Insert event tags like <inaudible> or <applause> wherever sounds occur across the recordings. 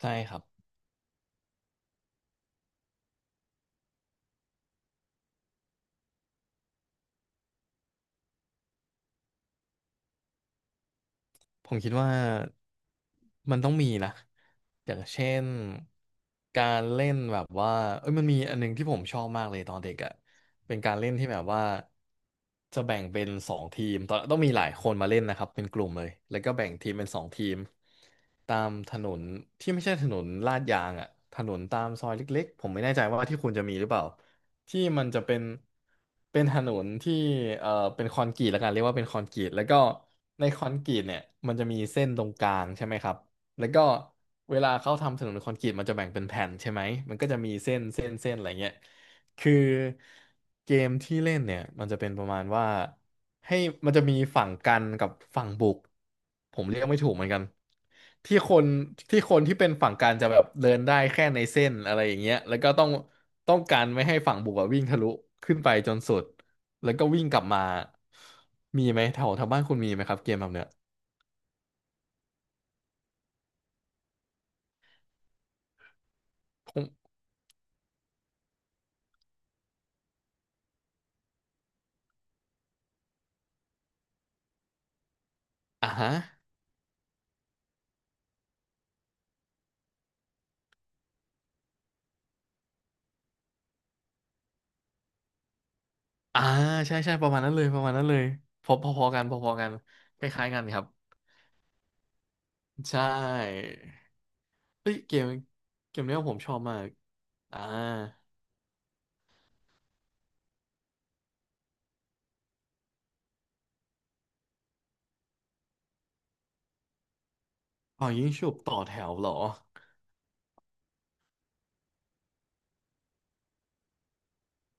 ใช่ครับผมคิดว่ามันต้องมีนะอย่างเช่นการเล่นแบบว่าเอ้ยมันมีอันหนึงที่ผมชอบมากเลยตอนเด็กอ่ะเป็นการเล่นที่แบบว่าจะแบ่งเป็นสองทีมตอนต้องมีหลายคนมาเล่นนะครับเป็นกลุ่มเลยแล้วก็แบ่งทีมเป็นสองทีมตามถนนที่ไม่ใช่ถนนลาดยางอ่ะถนนตามซอยเล็กๆผมไม่แน่ใจว่าที่คุณจะมีหรือเปล่า ที่มันจะเป็นเป็นถนนที่เอ่อเป็นคอนกรีตแล้วกันเรียกว่าเป็นคอนกรีตแล้วก็ในคอนกรีตเนี่ยมันจะมีเส้นตรงกลางใช่ไหมครับแล้วก็เวลาเขาทำถนนคอนกรีตมันจะแบ่งเป็นแผ่นใช่ไหมมันก็จะมีเส้นอะไรเงี้ย คือเกมที่เล่นเนี่ยมันจะเป็นประมาณว่าให้มันจะมีฝั่งกันกับฝั่งบุกผมเรียกไม่ถูกเหมือนกันที่คนที่คนที่เป็นฝั่งกันจะแบบเดินได้แค่ในเส้นอะไรอย่างเงี้ยแล้วก็ต้องต้องการไม่ให้ฝั่งบุกอะวิ่งทะลุขึ้นไปจนสุดแล้วก็วิ่งกลับมามีไหมแถวแถวบ้านคุณมีไหมครับเกมแบบเนี้ยผมอ่าฮะอ่าใช่ใช่ประมาณนั้นเลยประมาณนั้นเลยพอพอๆกันพอๆกันคล้ายๆกันครับใช่ เฮ้ยเกมเกมเนี้ยผมชอบมากอ่าอ๋อยิงฉุบต่อแถวเหรอ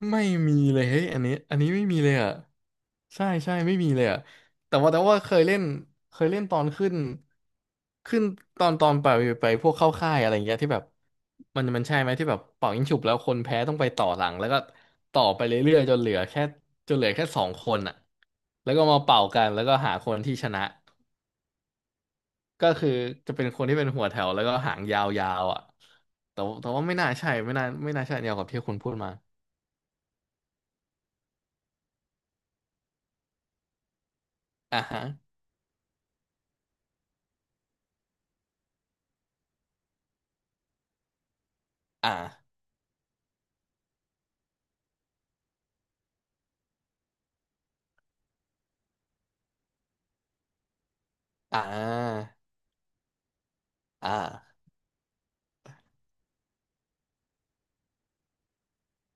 ไม่มีเลยเฮ้ยอันนี้อันนี้ไม่มีเลยอ่ะใช่ใช่ไม่มีเลยอ่ะแต่ว่าเคยเล่นเคยเล่นตอนขึ้นขึ้นตอนไปไปพวกเข้าค่ายอะไรอย่างเงี้ยที่แบบมันใช่ไหมที่แบบเป่ายิงฉุบแล้วคนแพ้ต้องไปต่อหลังแล้วก็ต่อไปเรื่อยๆจนเหลือแค่จนเหลือแค่สองคนอ่ะแล้วก็มาเป่ากันแล้วก็หาคนที่ชนะ ก็คือจะเป็นคนที่เป็นหัวแถวแล้วก็หางยาวๆอ่ะแต่วแต่ว่าไม่น่าใช่ไม่น่าไม่น่าใช่เดียวกับที่คุณพูดมาอ่าฮะอ่าอ่าอ่า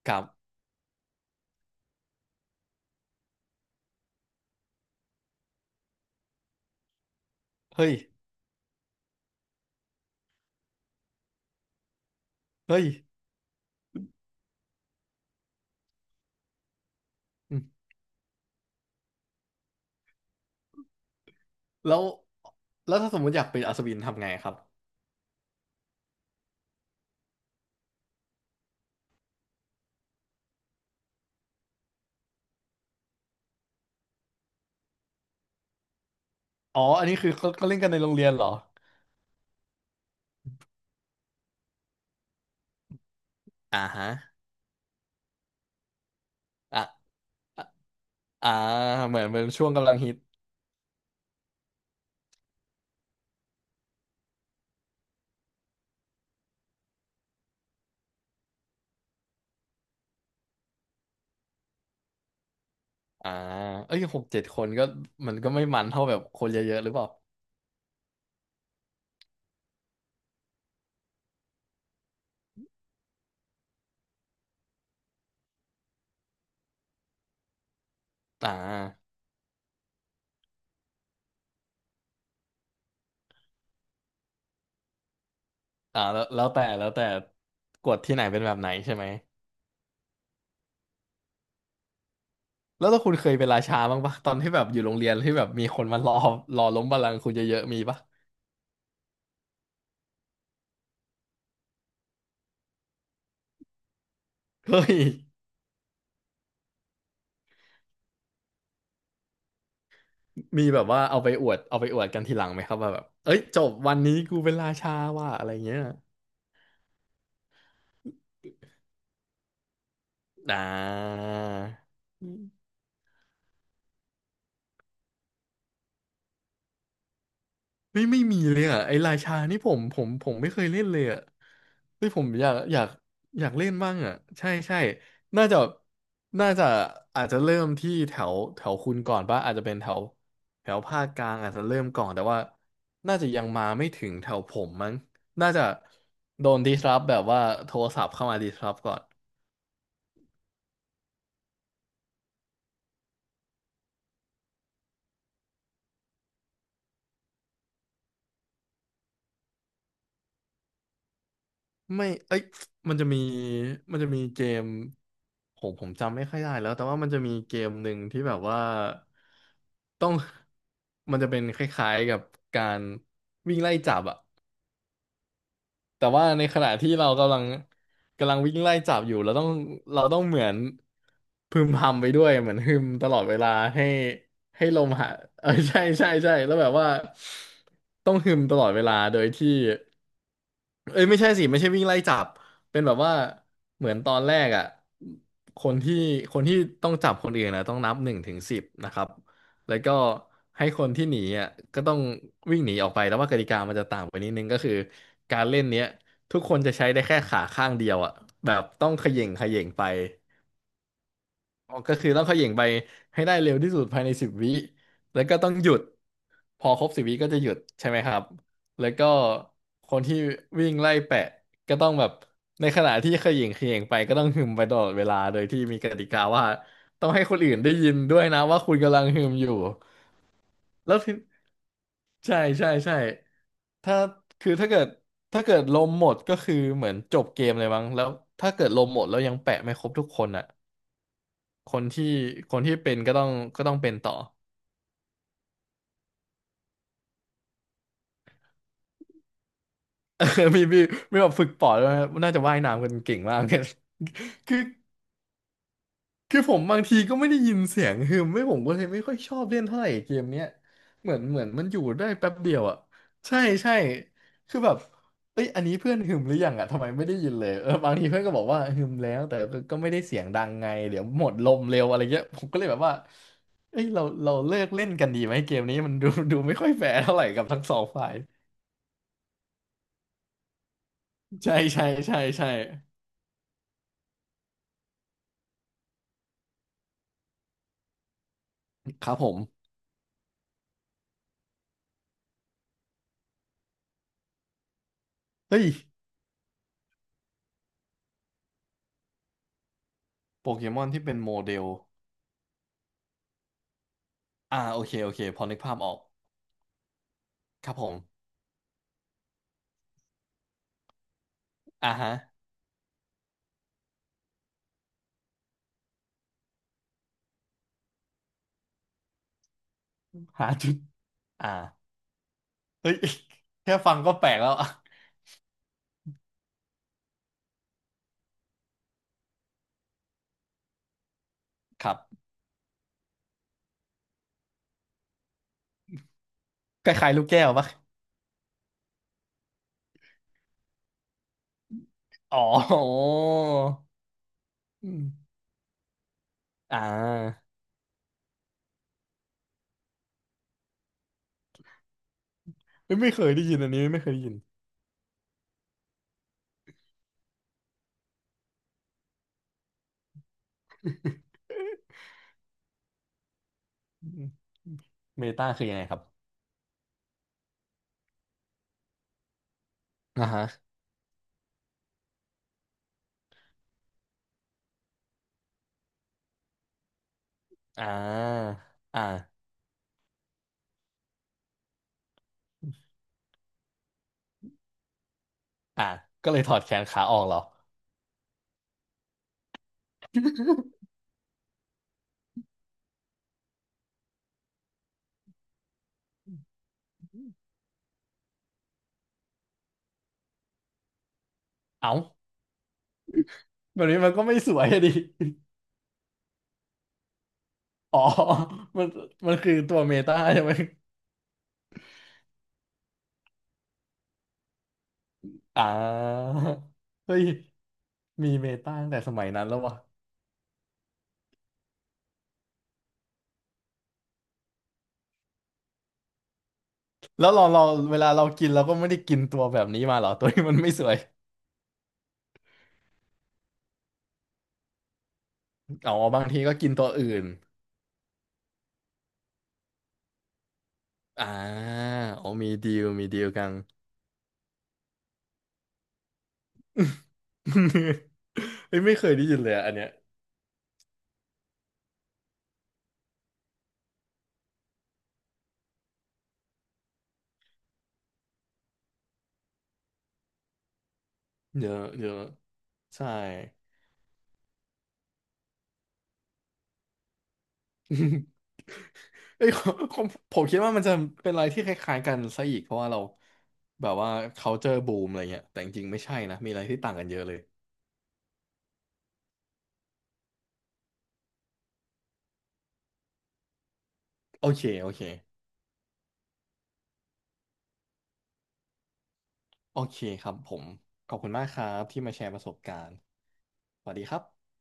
ครับเฮ้ยเฮ้ยอืมแล้วแล้วถ้าสมมติอยากเป็นอัศวินทำไงครับอ๋ออันนี้คือเขาเขาเล่นกันในโรงเรียนเหรออ่าฮะอ่าอ่าอ่าเหมือนเหมือนช่วงกำลังฮิตอ่าเอ้ยหกเจ็ดคนก็มันก็ไม่มันเท่าแบบคนเยอะๆหรือเปล่าอ่าอ่าแล้วแล้วแต่กฎที่ไหนเป็นแบบไหนใช่ไหม แล้วถ้าคุณเคยเป็นราชาบ้างปะตอนที่แบบอยู่โรงเรียนที่แบบมีคนมารอรอล้มบัลลังก์คุณเยอะๆมีปะ เฮ้ยมีแบบว่าเอาไปอวดเอาไปอวดกันทีหลังไหมครับว่าแบบเอ้ยจบวันนี้กูเป็นราชาว่ะอะไรเงี้ยอ่า ไม่ไม่มีเลยอ่ะไอ้ราชานี่ผมไม่เคยเล่นเลยอ่ะเฮ้ยผมอยากอยากอยากเล่นบ้างอ่ะใช่ใช่น่าจะน่าจะอาจจะเริ่มที่แถวแถวคุณก่อนป่ะอาจจะเป็นแถวแถวภาคกลางอาจจะเริ่มก่อนแต่ว่าน่าจะยังมาไม่ถึงแถวผมมั้งน่าจะโดนดิสรับแบบว่าโทรศัพท์เข้ามาดิสรับก่อน ไม่เอ้ยมันจะมีมันจะมีเกมผมจำไม่ค่อยได้แล้วแต่ว่ามันจะมีเกมหนึ่งที่แบบว่าต้อง <laughs> มันจะเป็นคล้ายๆกับการวิ่งไล่จับอะแต่ว่าในขณะที่เรากำลัง กำลังวิ่งไล่จับอยู่ เราต้องเหมือนพึมพำไปด้วยเหมือนฮึมตลอดเวลาให้ให้ลมหายเออใช่ใช่ใช่แล้วแบบว่าต้องฮึมตลอดเวลาโดยที่ เอ้ยไม่ใช่สิไม่ใช่วิ่งไล่จับเป็นแบบว่าเหมือนตอนแรกอ่ะคนที่คนที่ต้องจับคนอื่นนะต้องนับหนึ่งถึงสิบนะครับแล้วก็ให้คนที่หนีอ่ะก็ต้องวิ่งหนีออกไปแต่ว่ากติกามันจะต่างไปนิดนึงก็คือการเล่นเนี้ยทุกคนจะใช้ได้แค่ขาข้างเดียวอ่ะแบบต้องเขย่งเขย่งไป ออกก็คือต้องเขย่งไปให้ได้เร็วที่สุดภายในสิบวิแล้วก็ต้องหยุดพอครบสิบวิก็จะหยุดใช่ไหมครับแล้วก็คนที่วิ่งไล่แปะก็ต้องแบบในขณะที่เขย่งเขย่งไปก็ต้องหึมไปตลอดเวลาโดยที่มีกติกาว่าต้องให้คนอื่นได้ยินด้วยนะว่าคุณกำลังหึมอยู่ แล้วที่ใช่ใช่ใช่ถ้าคือถ้าเกิดลมหมดก็คือเหมือนจบเกมเลยมั้งแล้วถ้าเกิดลมหมดแล้วยังแปะไม่ครบทุกคนอ่ะ คนที่คนที่เป็นก็ต้องเป็นต่อ <laughs> เออมีมีมีแบบฝึกปอดด้วยนะน่าจะว่ายน้ำกันเก่งมาก <laughs> เลยคือคือผมบางทีก็ไม่ได้ยินเสียงฮึมไม่ผมก็เลยไม่ค่อยชอบเล่นเท่าไหร่เกมเนี้ยเหมือนมันอยู่ได้แป๊บเดียวอ่ะใช่ใช่คือแบบเอ้ยอันนี้เพื่อนหึมหรือยังอ่ะทำไมไม่ได้ยินเลยเออบางทีเพื่อนก็บอกว่าหึมแล้วแต่ก็ไม่ได้เสียงดังไงเดี๋ยวหมดลมเร็วอะไรเงี้ยผมก็เลยแบบว่าเอ้ยเราเลิกเล่นกันดีไหมเกมนี้มันดูไม่ค่อยแฟร์เท่าไหร่กับทั้งสองฝ่าย ใช่ใช่ใช่ใช่ครับผมเฮ้ยโปเกมอนที่เป็นโมเดลอ่าโอเคโอเคพอนึกภาพออกครับผมอ่าฮะหาจุดอ่าเฮ้ย <laughs> แค่ฟังก็แปลกแล้ว <laughs> อ่ะครับคล้ายๆลูกแก้วปะอ๋ออืมอ่าเฮ้ยไม่เคยได้ยินอันนี้ไม่เคยได้ยินอืมเมตาคือยังไงครับอ่าฮะอ่าอ่าอ่าก็เลยถอดแขนขาออกเหรอเอ้าแบบนี้มันก็ไม่สวยอะดิ <laughs> อ๋อมันมันคือตัวเมตาใช่ไหม อ่า <laughs> เฮ้ยมีเมตาตั้งแต่สมัยนั้นแล้ววะแล้วเราเวลาเรากินเราก็ไม่ได้กินตัวแบบนี้มาเหรอตัวที่มันไม่สวยเอาบางทีก็กินตัวอื่นอ่าเอมีดีลมีดีลกัน <laughs> เฮ้ยไม่เคยได้ยินเลยอะอันเนี้ยเยอะเยอะใช่ <laughs> เอ้ยผมผมคิดว่ามันจะเป็นอะไรที่คล้ายๆกันซะอีกเพราะว่าเราแบบว่า culture boom อะไรเงี้ยแต่จริงๆไม่ใช่นะมีอะไรที่ต่างกันเยอะเลยโอเคโอเค โอเคครับผมขอบคุณมากครับที่มาแชร์ประสบการณ์ สวัสดีครับ